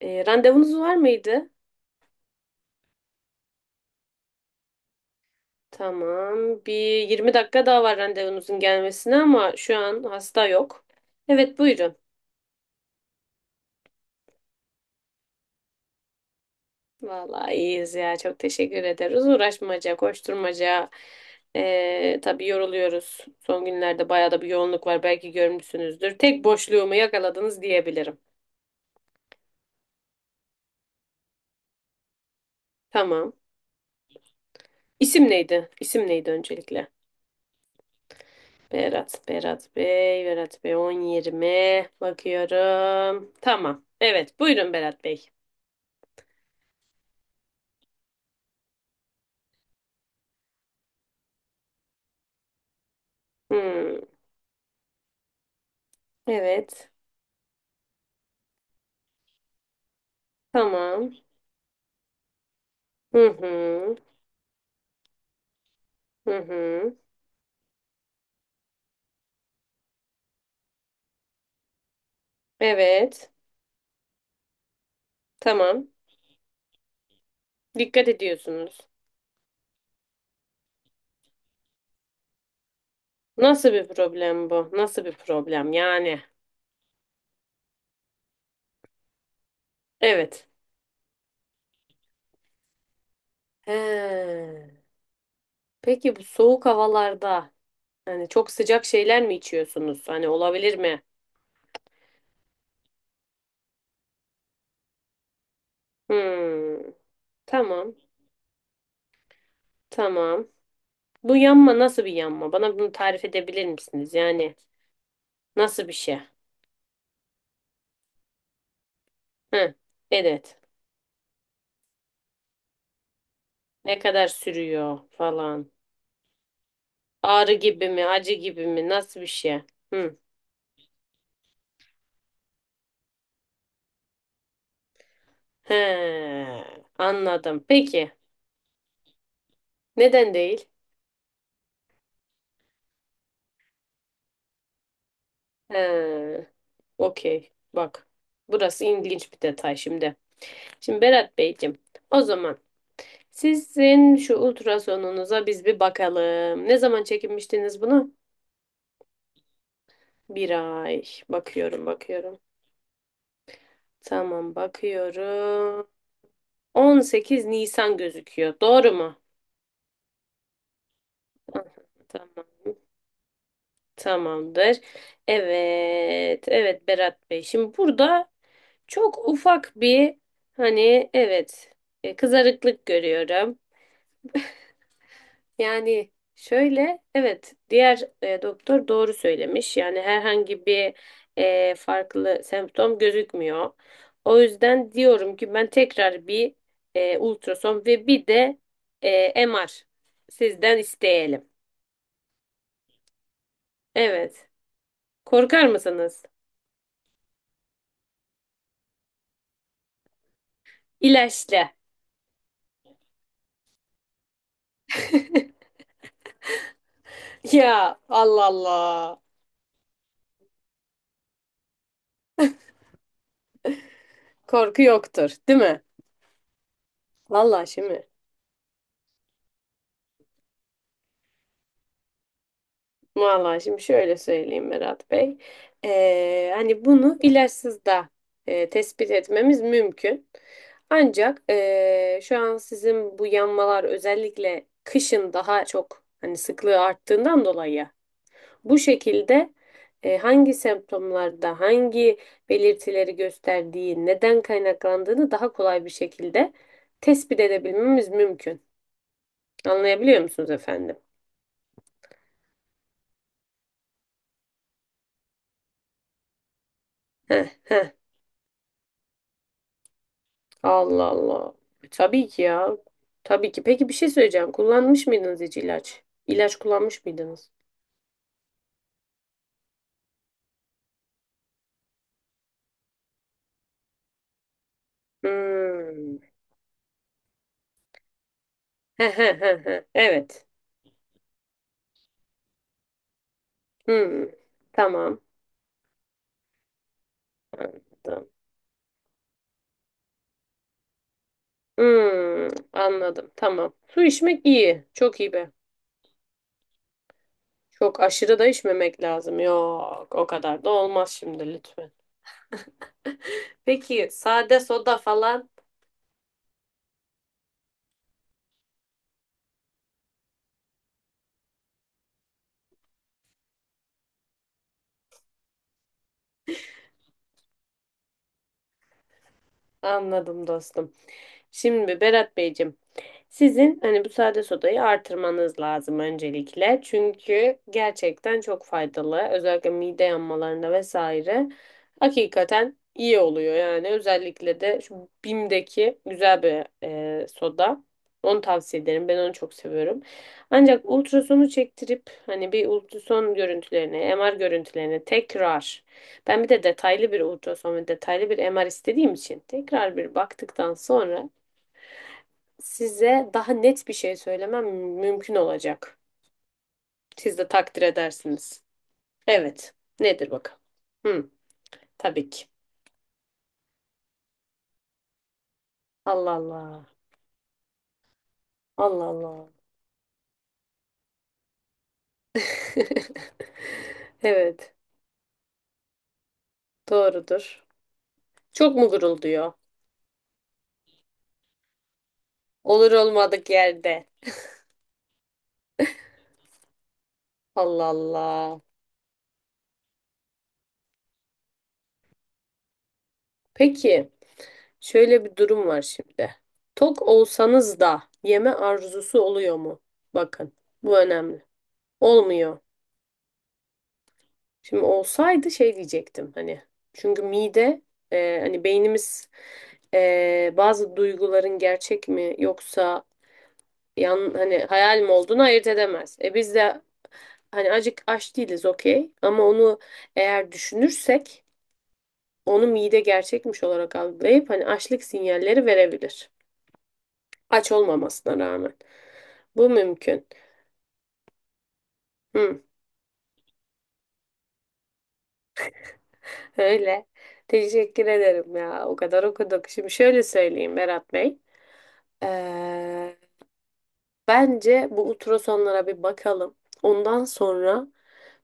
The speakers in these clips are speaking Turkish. Randevunuz var mıydı? Tamam. Bir 20 dakika daha var randevunuzun gelmesine ama şu an hasta yok. Evet buyurun. Vallahi iyiyiz ya. Çok teşekkür ederiz. Uğraşmaca, koşturmaca. Tabii yoruluyoruz. Son günlerde bayağı da bir yoğunluk var. Belki görmüşsünüzdür. Tek boşluğumu yakaladınız diyebilirim. Tamam. İsim neydi? İsim neydi öncelikle? Berat, Berat Bey, Berat Bey 10-20 bakıyorum. Tamam. Evet, buyurun Berat Bey. Hmm. Evet. Tamam. Hı hı. Hı hı. Evet. Tamam. Dikkat ediyorsunuz. Nasıl bir problem bu? Nasıl bir problem yani? Evet. He. Peki bu soğuk havalarda hani çok sıcak şeyler mi içiyorsunuz? Hani olabilir mi? Hmm. Tamam. Tamam. Bu yanma nasıl bir yanma? Bana bunu tarif edebilir misiniz? Yani nasıl bir şey? Hı. Evet. Ne kadar sürüyor falan. Ağrı gibi mi, acı gibi mi, nasıl bir şey? Hı. He, anladım. Peki, neden değil? He, okey. Bak, burası ilginç bir detay şimdi. Şimdi Berat Beyciğim, o zaman sizin şu ultrasonunuza biz bir bakalım. Ne zaman çekinmiştiniz bunu? Bir ay. Bakıyorum, bakıyorum. Tamam, bakıyorum. 18 Nisan gözüküyor. Doğru mu? Ah, tamam. Tamamdır. Evet, evet Berat Bey. Şimdi burada çok ufak bir hani evet kızarıklık görüyorum. Yani şöyle evet diğer doktor doğru söylemiş. Yani herhangi bir farklı semptom gözükmüyor. O yüzden diyorum ki ben tekrar bir ultrason ve bir de MR sizden isteyelim. Evet. Korkar mısınız? İlaçlı. Ya Allah Allah. Korku yoktur, değil mi? Vallahi şimdi, vallahi şimdi şöyle söyleyeyim Berat Bey. Hani bunu ilaçsız da tespit etmemiz mümkün. Ancak şu an sizin bu yanmalar özellikle kışın daha çok hani sıklığı arttığından dolayı bu şekilde hangi semptomlarda hangi belirtileri gösterdiği, neden kaynaklandığını daha kolay bir şekilde tespit edebilmemiz mümkün. Anlayabiliyor musunuz efendim? Heh, heh. Allah Allah. Tabii ki ya. Tabii ki. Peki bir şey söyleyeceğim. Kullanmış mıydınız hiç ilaç? İlaç kullanmış mıydınız? Hmm. Heh, heh, heh, heh. Evet. Hmm. Tamam. Anladım. Hmm. Anladım. Tamam. Su içmek iyi. Çok iyi be. Çok aşırı da içmemek lazım. Yok, o kadar da olmaz şimdi lütfen. Peki sade soda falan. Anladım dostum. Şimdi Berat Beyciğim, sizin hani bu sade sodayı artırmanız lazım öncelikle. Çünkü gerçekten çok faydalı. Özellikle mide yanmalarında vesaire. Hakikaten iyi oluyor yani. Özellikle de şu Bim'deki güzel bir soda. Onu tavsiye ederim. Ben onu çok seviyorum. Ancak ultrasonu çektirip hani bir ultrason görüntülerine, MR görüntülerine tekrar ben bir de detaylı bir ultrason ve detaylı bir MR istediğim için tekrar bir baktıktan sonra size daha net bir şey söylemem mümkün olacak. Siz de takdir edersiniz. Evet. Nedir bakalım? Hı, tabii ki. Allah Allah. Allah Allah. Evet. Doğrudur. Çok mu gurulduyor? Olur olmadık yerde. Allah Allah. Peki. Şöyle bir durum var şimdi. Tok olsanız da yeme arzusu oluyor mu? Bakın, bu önemli. Olmuyor. Şimdi olsaydı şey diyecektim hani. Çünkü mide hani beynimiz bazı duyguların gerçek mi yoksa yan hani hayal mi olduğunu ayırt edemez. E biz de hani acık aç değiliz okey ama onu eğer düşünürsek onu mide gerçekmiş olarak algılayıp hani açlık sinyalleri verebilir. Aç olmamasına rağmen. Bu mümkün. Hı, öyle. Teşekkür ederim ya. O kadar okuduk. Şimdi şöyle söyleyeyim Berat Bey. Ee, Bence bu ultrasonlara bir bakalım. Ondan sonra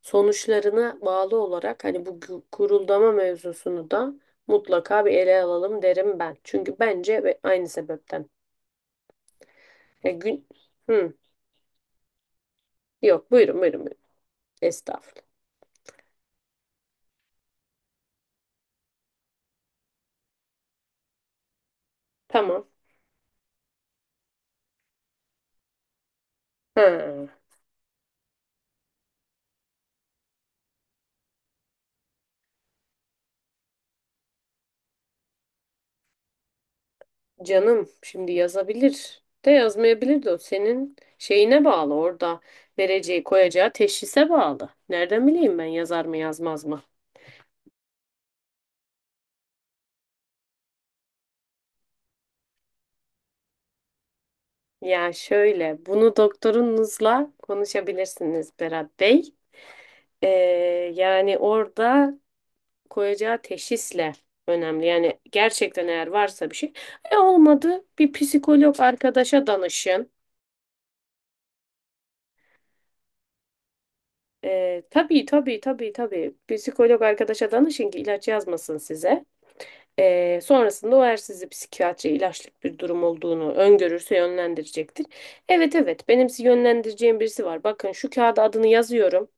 sonuçlarına bağlı olarak hani bu guruldama mevzusunu da mutlaka bir ele alalım derim ben. Çünkü bence ve aynı sebepten. E, gün... Hı, yok buyurun buyurun buyurun. Estağfurullah. Tamam. Ha. Canım şimdi yazabilir de yazmayabilir de o senin şeyine bağlı orada vereceği koyacağı teşhise bağlı. Nereden bileyim ben yazar mı yazmaz mı? Ya şöyle bunu doktorunuzla konuşabilirsiniz Berat Bey. Ee, Yani orada koyacağı teşhisle önemli. Yani gerçekten eğer varsa bir şey. E olmadı bir psikolog arkadaşa danışın. Tabii tabii tabii tabii psikolog arkadaşa danışın ki ilaç yazmasın size. Sonrasında o eğer sizi psikiyatri ilaçlık bir durum olduğunu öngörürse yönlendirecektir. Evet evet benim sizi yönlendireceğim birisi var. Bakın şu kağıda adını yazıyorum.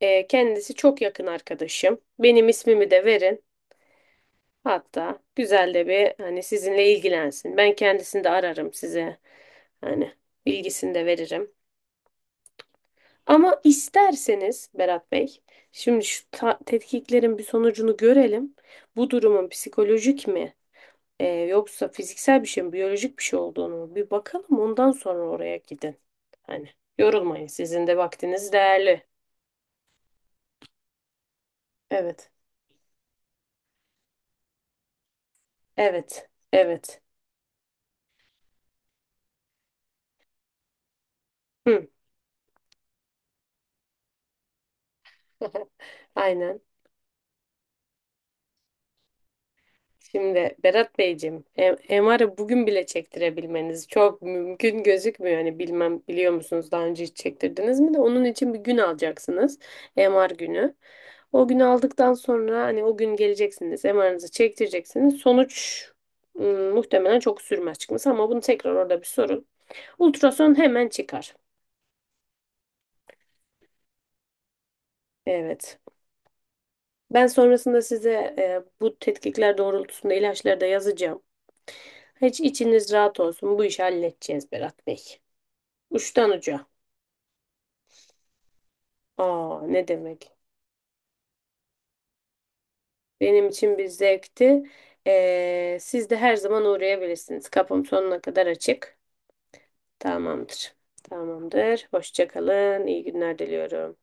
Kendisi çok yakın arkadaşım. Benim ismimi de verin. Hatta güzel de bir hani sizinle ilgilensin. Ben kendisini de ararım size. Hani bilgisini de veririm. Ama isterseniz Berat Bey, şimdi şu tetkiklerin bir sonucunu görelim. Bu durumun psikolojik mi? Yoksa fiziksel bir şey mi, biyolojik bir şey olduğunu mu? Bir bakalım ondan sonra oraya gidin. Hani yorulmayın. Sizin de vaktiniz değerli. Evet. Evet. Evet. Hı. Aynen. Şimdi Berat Beyciğim, MR'ı bugün bile çektirebilmeniz çok mümkün gözükmüyor. Hani bilmem biliyor musunuz daha önce hiç çektirdiniz mi de onun için bir gün alacaksınız. MR günü. O günü aldıktan sonra hani o gün geleceksiniz, MR'ınızı çektireceksiniz. Sonuç muhtemelen çok sürmez çıkması ama bunu tekrar orada bir sorun. Ultrason hemen çıkar. Evet. Ben sonrasında size bu tetkikler doğrultusunda ilaçları da yazacağım. Hiç içiniz rahat olsun. Bu işi halledeceğiz Berat Bey. Uçtan uca. Aa ne demek. Benim için bir zevkti. Siz de her zaman uğrayabilirsiniz. Kapım sonuna kadar açık. Tamamdır. Tamamdır. Hoşça kalın. İyi günler diliyorum.